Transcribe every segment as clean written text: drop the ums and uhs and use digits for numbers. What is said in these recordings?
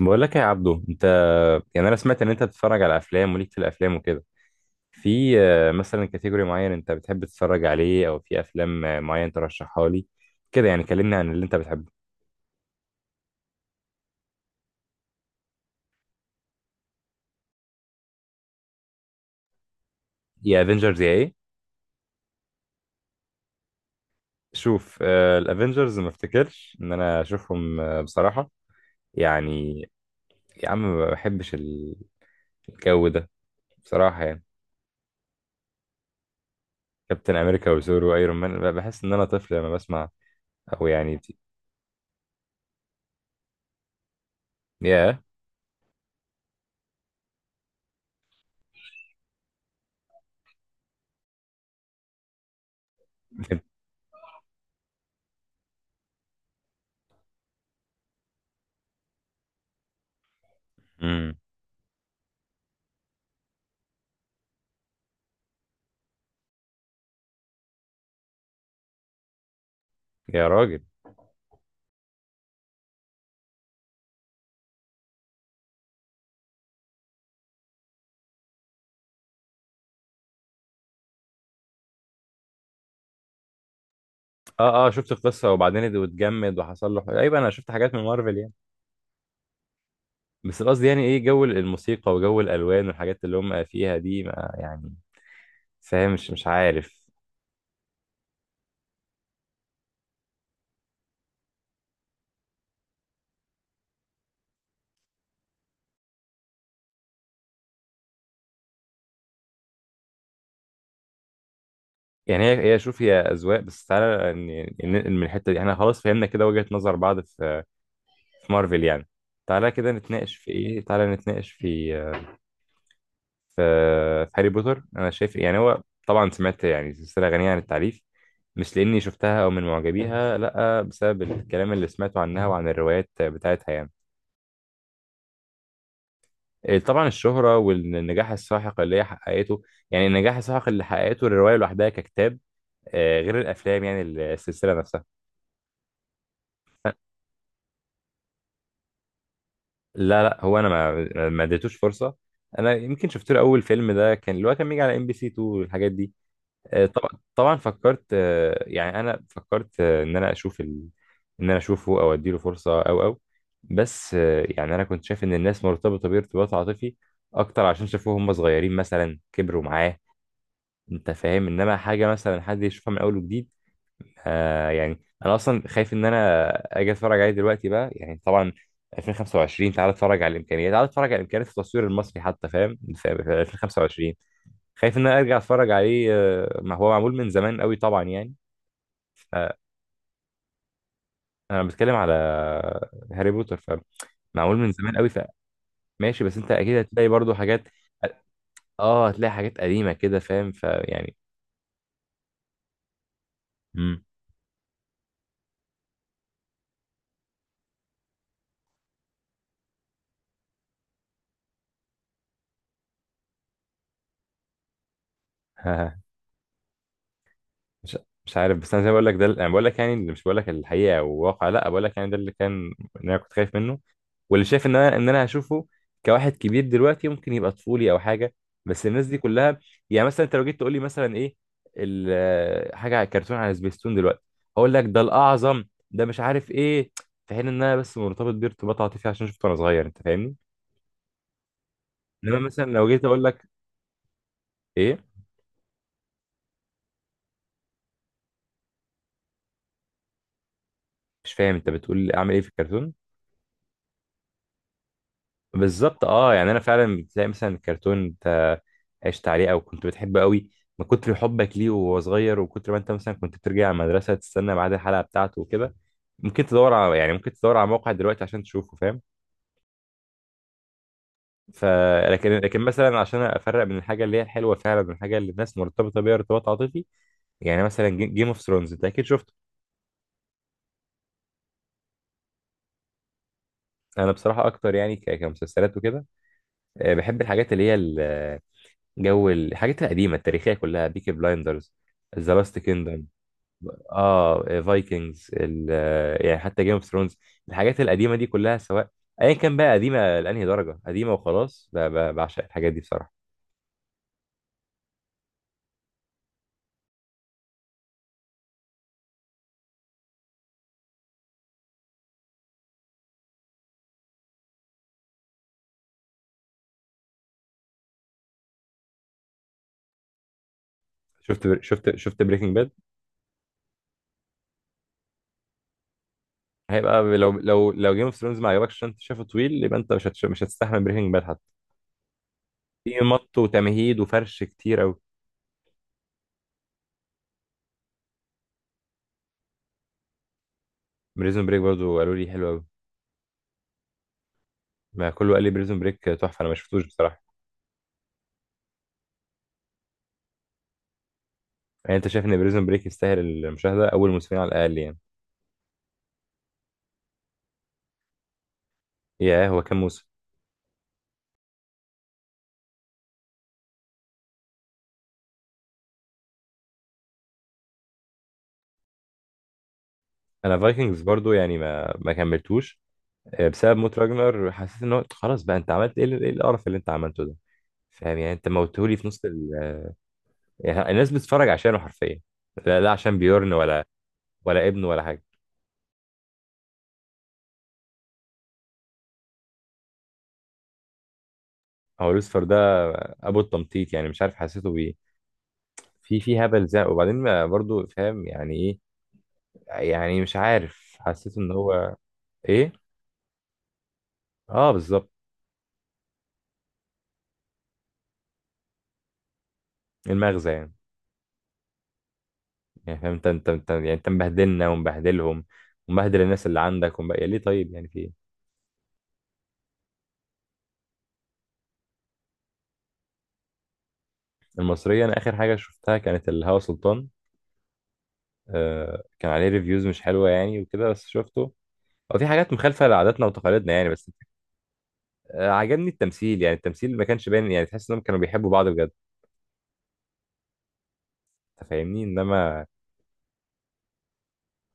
بقول لك يا عبدو، انت يعني انا سمعت ان انت بتتفرج على افلام وليك في الافلام وكده. في مثلا كاتيجوري معين انت بتحب تتفرج عليه، او في افلام معين ترشحها لي كده. يعني كلمني عن اللي انت بتحبه. يا افنجرز يا ايه؟ شوف، الافنجرز ما افتكرش ان انا اشوفهم بصراحة يعني. يا عم ما بحبش الجو ده بصراحة يعني. كابتن امريكا وثور وايرون مان، بحس ان انا طفل لما بسمع، او يعني. يا yeah. يا راجل. اه شفت القصه وبعدين اتجمد وحصل له حاجة. ايوه انا شفت حاجات من مارفل يعني. بس قصدي يعني، ايه جو الموسيقى وجو الالوان والحاجات اللي هم فيها دي ما يعني فاهم، مش عارف. يعني هي شوف، هي اذواق بس. تعالى ننقل من الحته دي، احنا خلاص فهمنا كده وجهه نظر بعض في مارفل يعني. تعالى كده نتناقش في ايه، تعالى نتناقش في في هاري بوتر. انا شايف يعني، هو طبعا سمعت يعني سلسله غنيه عن التعريف، مش لاني شفتها او من معجبيها، لا بسبب الكلام اللي سمعته عنها وعن الروايات بتاعتها يعني. طبعا الشهره والنجاح الساحق اللي هي حققته. يعني النجاح الساحق اللي حققته الروايه لوحدها ككتاب، غير الافلام يعني، السلسله نفسها. لا، لا، هو انا ما اديتوش فرصه. انا يمكن شفت له اول فيلم، ده كان اللي هو كان بيجي على ام بي سي 2 والحاجات دي. طبعا فكرت، يعني انا فكرت، ان انا اشوف ان انا اشوفه او اديله فرصه او. بس يعني انا كنت شايف ان الناس مرتبطه بيه ارتباط عاطفي اكتر عشان شافوه هم صغيرين مثلا كبروا معاه. انت فاهم، انما حاجه مثلا حد يشوفها من اول وجديد. يعني انا اصلا خايف ان انا اجي اتفرج عليه دلوقتي بقى، يعني طبعا 2025 تعال اتفرج على الامكانيات، تعال اتفرج على امكانيات التصوير المصري حتى، فاهم؟ في 2025. خايف ان انا ارجع اتفرج عليه، ما هو معمول من زمان قوي طبعا يعني. فانا بتكلم على هاري بوتر، فمعمول من زمان قوي. فماشي، بس انت اكيد هتلاقي برضو حاجات. اه هتلاقي حاجات قديمة كده، فاهم، فيعني. مم. مش مش عارف، بس انا زي ما بقول لك، ده انا بقول لك يعني، اللي مش بقول لك الحقيقه والواقع، لا بقول لك يعني ده اللي كان، ان انا كنت خايف منه. واللي شايف ان انا هشوفه كواحد كبير دلوقتي ممكن يبقى طفولي او حاجه. بس الناس دي كلها. يعني مثلا انت لو جيت تقول لي مثلا ايه، حاجه على كرتون على سبيستون دلوقتي، هقول لك ده الاعظم، ده مش عارف ايه. في حين ان انا بس مرتبط بيه ارتباط عاطفي عشان شفته وانا صغير. انت فاهمني؟ انما مثلا لو جيت اقول لك ايه. مش فاهم، انت بتقول اعمل ايه في الكرتون؟ بالظبط اه، يعني انا فعلا بتلاقي مثلا الكرتون انت عشت عليه او كنت بتحبه قوي من كتر حبك ليه وهو صغير، وكتر ما انت مثلا كنت بترجع المدرسه تستنى ميعاد الحلقه بتاعته وكده، ممكن تدور على يعني ممكن تدور على موقع دلوقتي عشان تشوفه، فاهم؟ ف، لكن مثلا عشان افرق بين الحاجه اللي هي الحلوه فعلا من الحاجه اللي الناس مرتبطه بيها ارتباط عاطفي، يعني مثلا جيم اوف ثرونز انت اكيد شفته. انا بصراحه اكتر يعني كمسلسلات وكده، بحب الحاجات اللي هي جو الحاجات القديمه التاريخيه كلها: بيكي بلايندرز، ذا لاست كيندم، اه فايكنجز، يعني حتى جيم اوف ثرونز، الحاجات القديمه دي كلها سواء ايا كان بقى قديمه لانهي درجه، قديمه وخلاص. بعشق الحاجات دي بصراحه. شفت بريكنج باد؟ هيبقى لو لو جيم اوف ثرونز ما عجبكش عشان انت شايفه طويل، يبقى انت مش هتستحمل بريكنج باد حتى، في مط وتمهيد وفرش كتير قوي. بريزون بريك برضو قالوا لي حلو قوي. ما كله قال لي بريزون بريك تحفه، انا ما شفتوش بصراحه. يعني انت شايف ان بريزون بريك يستاهل المشاهده اول موسمين على الاقل يعني؟ ياه، هو كام موسم؟ انا فايكنجز برضو يعني ما كملتوش، بسبب موت راجنر. حسيت ان هو خلاص بقى، انت عملت ايه إيه القرف اللي انت عملته ده؟ فاهم؟ يعني انت موتهولي في نص يعني الناس بتتفرج عشانه حرفيا، لا، لا، عشان بيورن، ولا ابنه ولا حاجه. هو لوسفر ده ابو التمطيط، يعني مش عارف حسيته بايه، في هبل زي وبعدين، ما برضو فاهم يعني ايه. يعني مش عارف، حسيت ان هو ايه. اه بالظبط. المغزى يعني. يعني فاهم؟ انت يعني انت مبهدلنا ومبهدلهم ومبهدل الناس اللي عندك يا، ليه طيب؟ يعني في ايه؟ المصرية، انا اخر حاجة شفتها كانت الهوى سلطان. كان عليه ريفيوز مش حلوة يعني وكده، بس شفته. هو في حاجات مخالفة لعاداتنا وتقاليدنا يعني، بس. عجبني التمثيل، يعني التمثيل ما كانش باين، يعني تحس انهم كانوا بيحبوا بعض بجد. انت فاهمني؟ انما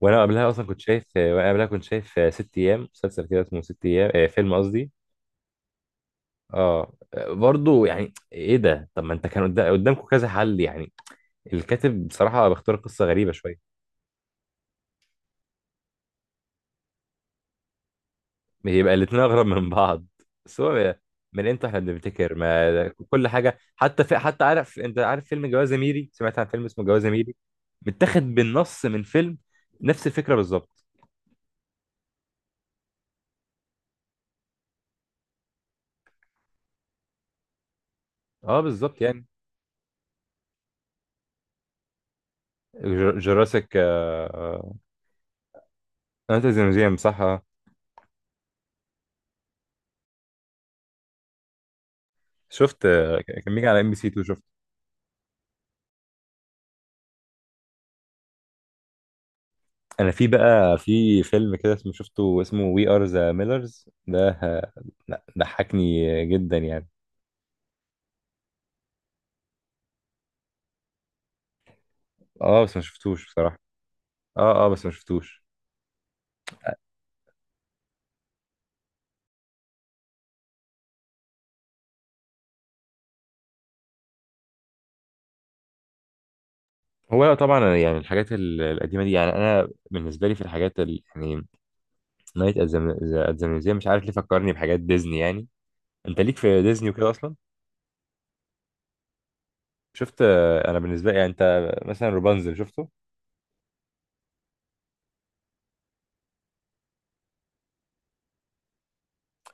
وانا قبلها اصلا كنت شايف، وانا قبلها كنت شايف آه، ست ايام. مسلسل كده اسمه ست ايام، فيلم قصدي. اه برضه، يعني ايه ده؟ طب ما انت كان قدامكم كذا حل يعني. الكاتب بصراحة بيختار قصة غريبة شوية. بيبقى الاتنين أغرب من بعض. بس هو، من امتى احنا بنفتكر؟ ما كل حاجة، حتى في، حتى عارف، انت عارف فيلم جواز ميري؟ سمعت عن فيلم اسمه جواز ميري، متاخد بالنص من فيلم، نفس الفكرة بالظبط. اه بالظبط يعني، جوراسيك. انت ميوزيوم صح. آه. شفت، كان بيجي على ام بي سي 2، شفت. انا في بقى في فيلم كده اسمه، شفته اسمه وي ار ذا ميلرز ده، لا، ضحكني جدا يعني. اه بس ما شفتوش بصراحة. اه بس ما شفتوش. هو أنا طبعا يعني الحاجات القديمه دي، يعني انا بالنسبه لي في الحاجات يعني نايت ات ذا ميوزيوم مش عارف ليه فكرني بحاجات ديزني يعني. انت ليك في ديزني وكده اصلا. شفت؟ انا بالنسبه لي يعني، انت مثلا روبانزل شفته؟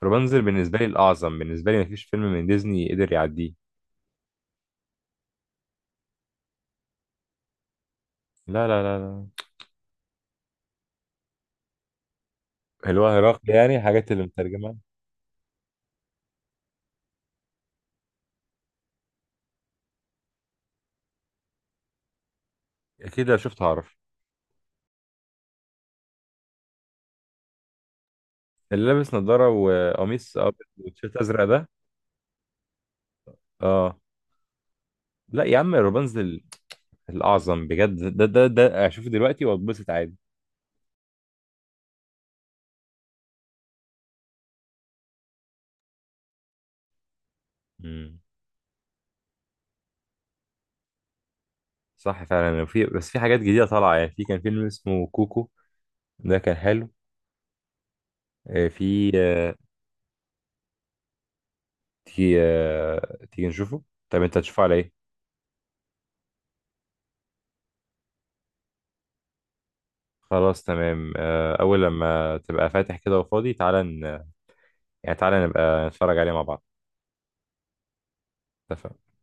روبانزل بالنسبه لي الاعظم، بالنسبه لي ما فيش فيلم من ديزني قدر يعديه. لا، لا، لا، لا، اللي هو هيراقي يعني، الحاجات اللي مترجمه. اكيد لو شفته هعرف، اللي لابس نظاره وقميص ابيض وتيشيرت ازرق ده. اه لا يا عم، روبانزل الأعظم بجد، ده أشوفه دلوقتي وأتبسط عادي. امم. صح فعلا. وفي، بس في حاجات جديدة طالعة يعني، في كان فيلم اسمه كوكو ده كان حلو. آه، في آه، تيجي نشوفه. طب أنت هتشوفه على إيه؟ خلاص تمام. أول لما تبقى فاتح كده وفاضي، تعالى يعني تعالى نبقى نتفرج عليه مع بعض. اتفقنا.